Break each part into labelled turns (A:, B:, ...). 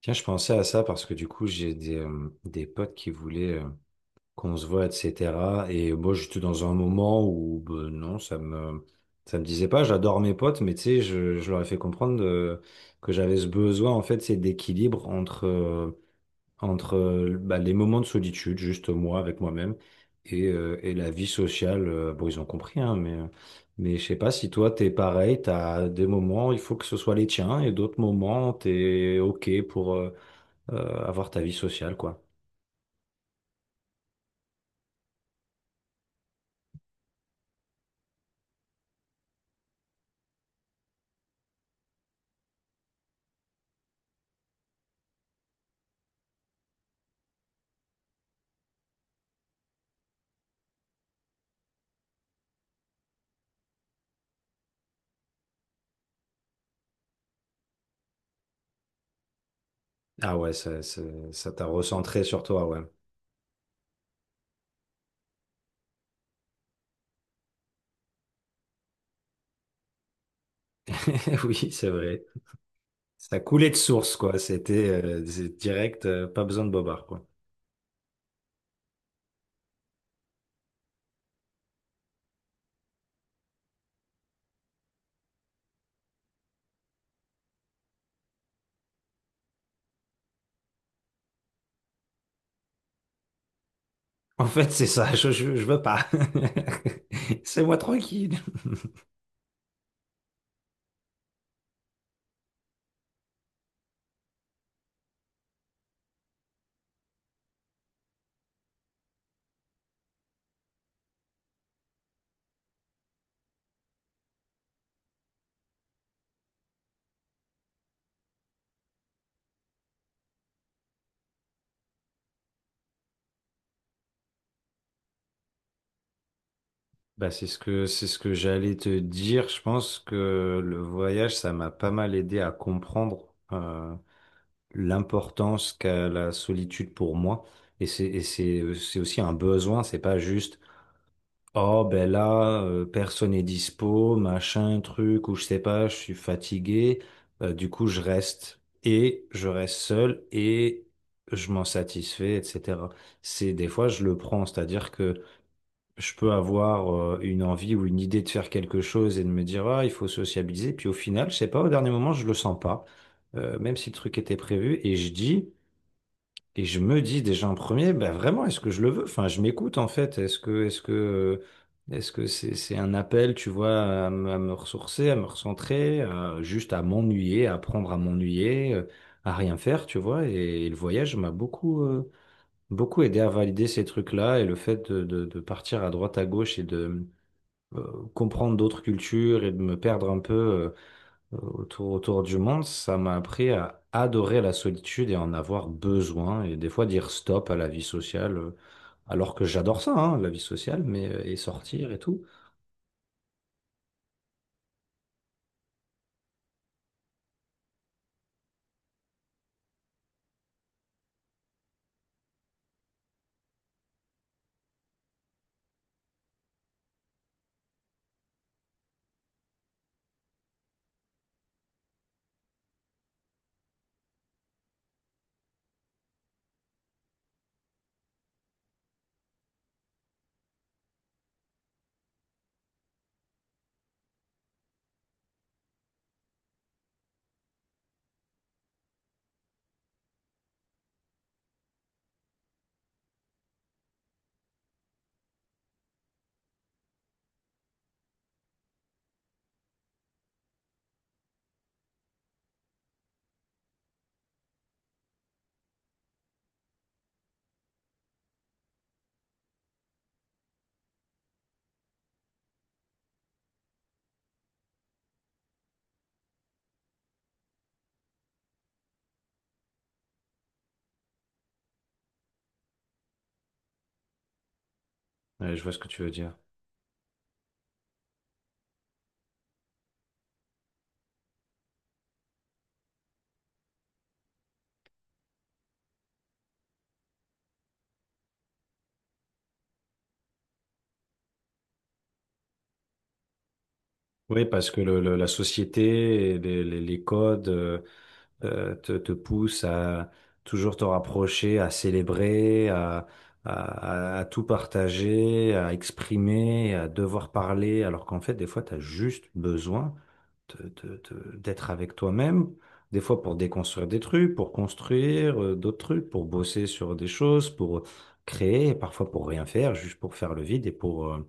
A: Tiens, je pensais à ça parce que du coup, j'ai des potes qui voulaient qu'on se voit, etc. Et moi, j'étais dans un moment où, ben, non, ça me disait pas, j'adore mes potes, mais tu sais, je leur ai fait comprendre que j'avais ce besoin, en fait, c'est d'équilibre entre, bah, les moments de solitude, juste moi, avec moi-même, et la vie sociale. Bon, ils ont compris, hein, mais je sais pas si toi, t'es pareil, t'as des moments, il faut que ce soit les tiens, et d'autres moments, t'es OK pour. Avoir ta vie sociale, quoi. Ah ouais, ça t'a recentré sur toi, ouais. Oui, c'est vrai. Ça coulait de source, quoi. C'est direct, pas besoin de bobard, quoi. En fait, c'est ça, je veux pas. C'est moi tranquille. Bah, c'est ce que j'allais te dire. Je pense que le voyage, ça m'a pas mal aidé à comprendre l'importance qu'a la solitude pour moi. Et c'est aussi un besoin, c'est pas juste. Oh, ben là, personne n'est dispo, machin, truc, ou je sais pas, je suis fatigué. Du coup, je reste. Et je reste seul et je m'en satisfais, etc. C'est des fois, je le prends. C'est-à-dire que je peux avoir une envie ou une idée de faire quelque chose et de me dire, ah, il faut sociabiliser. Puis au final, je sais pas, au dernier moment, je le sens pas. Même si le truc était prévu. Et je dis, et je me dis déjà en premier, bah vraiment, est-ce que je le veux? Enfin, je m'écoute en fait. Est-ce que c'est un appel, tu vois, à me ressourcer, à me recentrer, juste à m'ennuyer, à apprendre à m'ennuyer, à rien faire, tu vois? Et, le voyage m'a beaucoup aidé à valider ces trucs-là et le fait de partir à droite à gauche et de comprendre d'autres cultures et de me perdre un peu. Autour du monde, ça m'a appris à adorer la solitude et à en avoir besoin, et des fois dire stop à la vie sociale, alors que j'adore ça, hein, la vie sociale, mais et sortir et tout. Ouais, je vois ce que tu veux dire. Oui, parce que la société, et les codes te, te poussent à toujours te rapprocher, à célébrer, à, à tout partager, à exprimer, à devoir parler, alors qu'en fait, des fois, tu as juste besoin. D'être avec toi-même, des fois pour déconstruire des trucs, pour construire d'autres trucs, pour bosser sur des choses, pour créer, et parfois pour rien faire, juste pour faire le vide et pour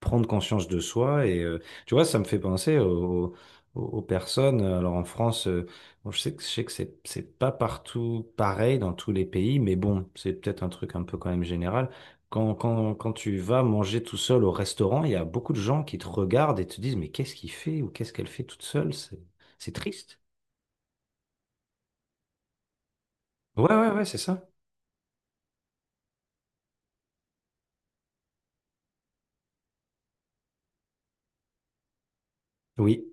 A: prendre conscience de soi. Tu vois, ça me fait penser aux personnes. Alors en France, bon, je sais que c'est pas partout pareil dans tous les pays, mais bon, c'est peut-être un truc un peu quand même général. Quand tu vas manger tout seul au restaurant, il y a beaucoup de gens qui te regardent et te disent, mais qu'est-ce qu'il fait ou qu'est-ce qu'elle fait toute seule? C'est triste. Ouais, ouais, ouais, c'est ça. Oui.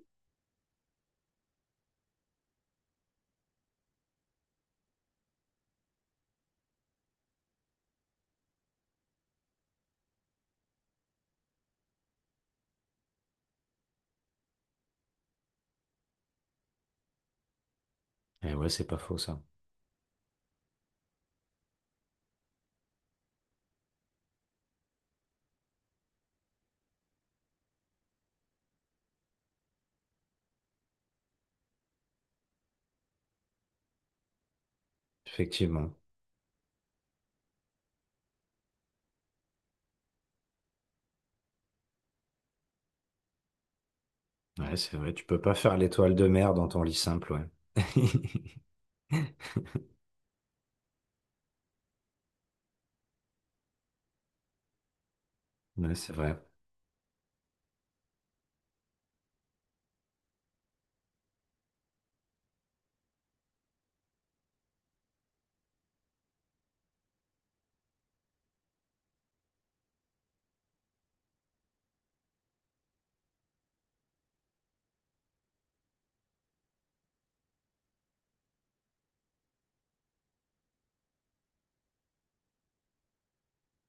A: Et ouais, c'est pas faux, ça. Effectivement. Ouais, c'est vrai. Tu peux pas faire l'étoile de mer dans ton lit simple, ouais. Ouais, c'est vrai.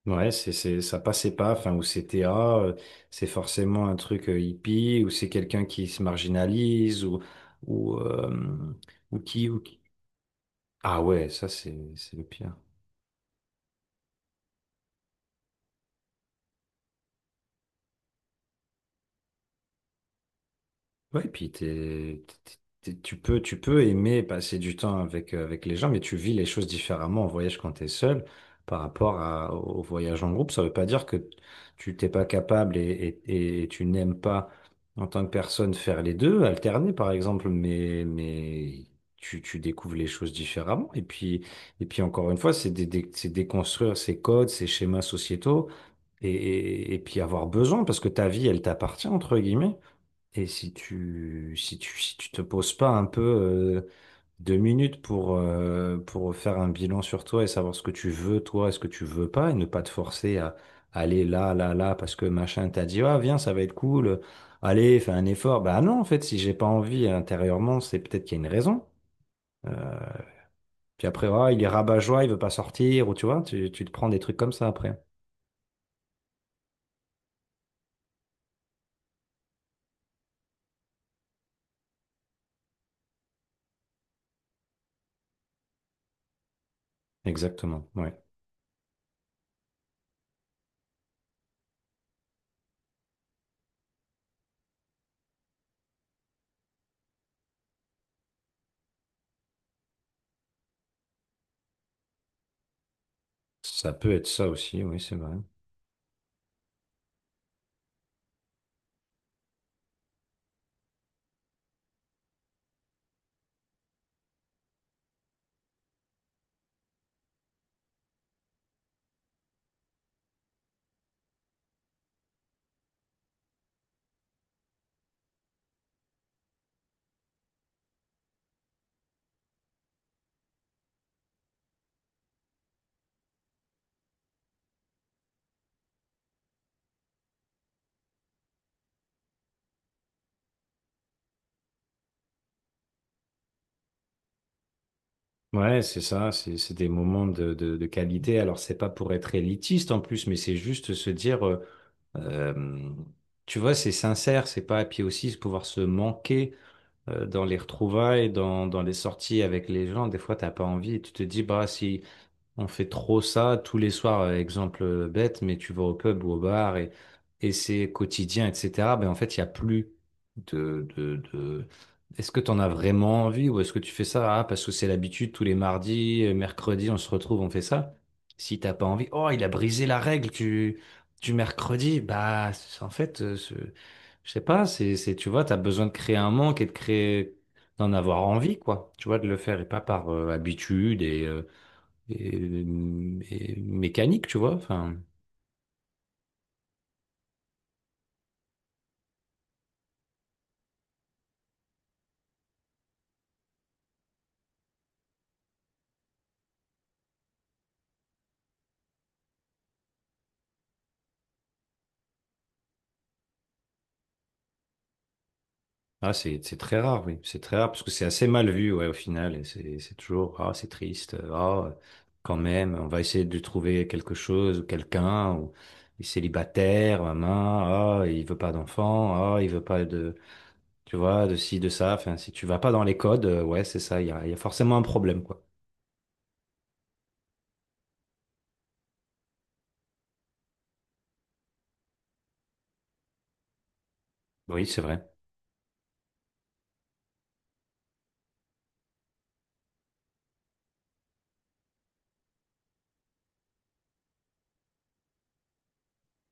A: Ouais, ça passait pas, enfin, ou c'était, c'est forcément un truc hippie, ou c'est quelqu'un qui se marginalise, ou, ou, euh, ou qui- Ah ouais, ça, c'est le pire. Ouais, puis tu peux aimer passer du temps avec les gens, mais tu vis les choses différemment en voyage quand tu es seul par rapport au voyage en groupe. Ça ne veut pas dire que tu t'es pas capable et tu n'aimes pas en tant que personne faire les deux, alterner par exemple, mais tu découvres les choses différemment. Et puis encore une fois, c'est déconstruire ces codes, ces schémas sociétaux et et puis avoir besoin parce que ta vie, elle t'appartient, entre guillemets. Et si si tu te poses pas un peu deux minutes pour faire un bilan sur toi et savoir ce que tu veux, toi, et ce que tu veux pas, et ne pas te forcer à aller là, là, là, parce que machin t'a dit, ah, viens, ça va être cool, allez, fais un effort. Bah non, en fait, si j'ai pas envie intérieurement, c'est peut-être qu'il y a une raison. Puis après, ah, il est rabat-joie, il veut pas sortir, ou tu vois, tu te prends des trucs comme ça après. Exactement, ouais. Ça peut être ça aussi, oui, c'est vrai. Ouais, c'est ça, c'est des moments de, de qualité. Alors, c'est pas pour être élitiste en plus, mais c'est juste se dire, euh, tu vois, c'est sincère, c'est pas, et puis aussi se pouvoir se manquer dans les retrouvailles, dans les sorties avec les gens. Des fois, t'as pas envie, tu te dis, bah, si, on fait trop ça tous les soirs, exemple bête, mais tu vas au pub ou au bar et c'est quotidien, etc. Ben en fait, il n'y a plus de... Est-ce que tu en as vraiment envie ou est-ce que tu fais ça ah, parce que c'est l'habitude, tous les mardis, mercredis, on se retrouve, on fait ça. Si t'as pas envie, oh, il a brisé la règle du mercredi, je sais pas, c'est, tu vois, tu as besoin de créer un manque et de créer, d'en avoir envie, quoi. Tu vois, de le faire et pas par habitude et... et- et mécanique, tu vois. Enfin, ah, c'est très rare, oui. C'est très rare parce que c'est assez mal vu, ouais, au final. Et c'est toujours, ah, c'est triste, ah, quand même, on va essayer de trouver quelque chose ou quelqu'un, ou il est célibataire, maman, ah, il veut pas d'enfant, ah, il veut pas de, tu vois, de ci, de ça. Enfin, si tu vas pas dans les codes, ouais, c'est ça, il y a forcément un problème, quoi. Oui, c'est vrai.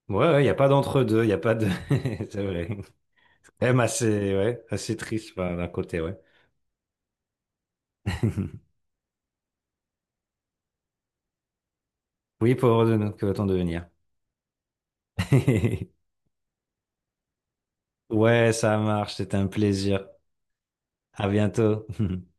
A: Ouais, ouais, il n'y a pas d'entre-deux, il n'y a pas de... C'est vrai. Même assez, ouais, assez triste, enfin, d'un côté, ouais. Oui, pour de notre que va-t-on devenir? Ouais, ça marche, c'était un plaisir. À bientôt.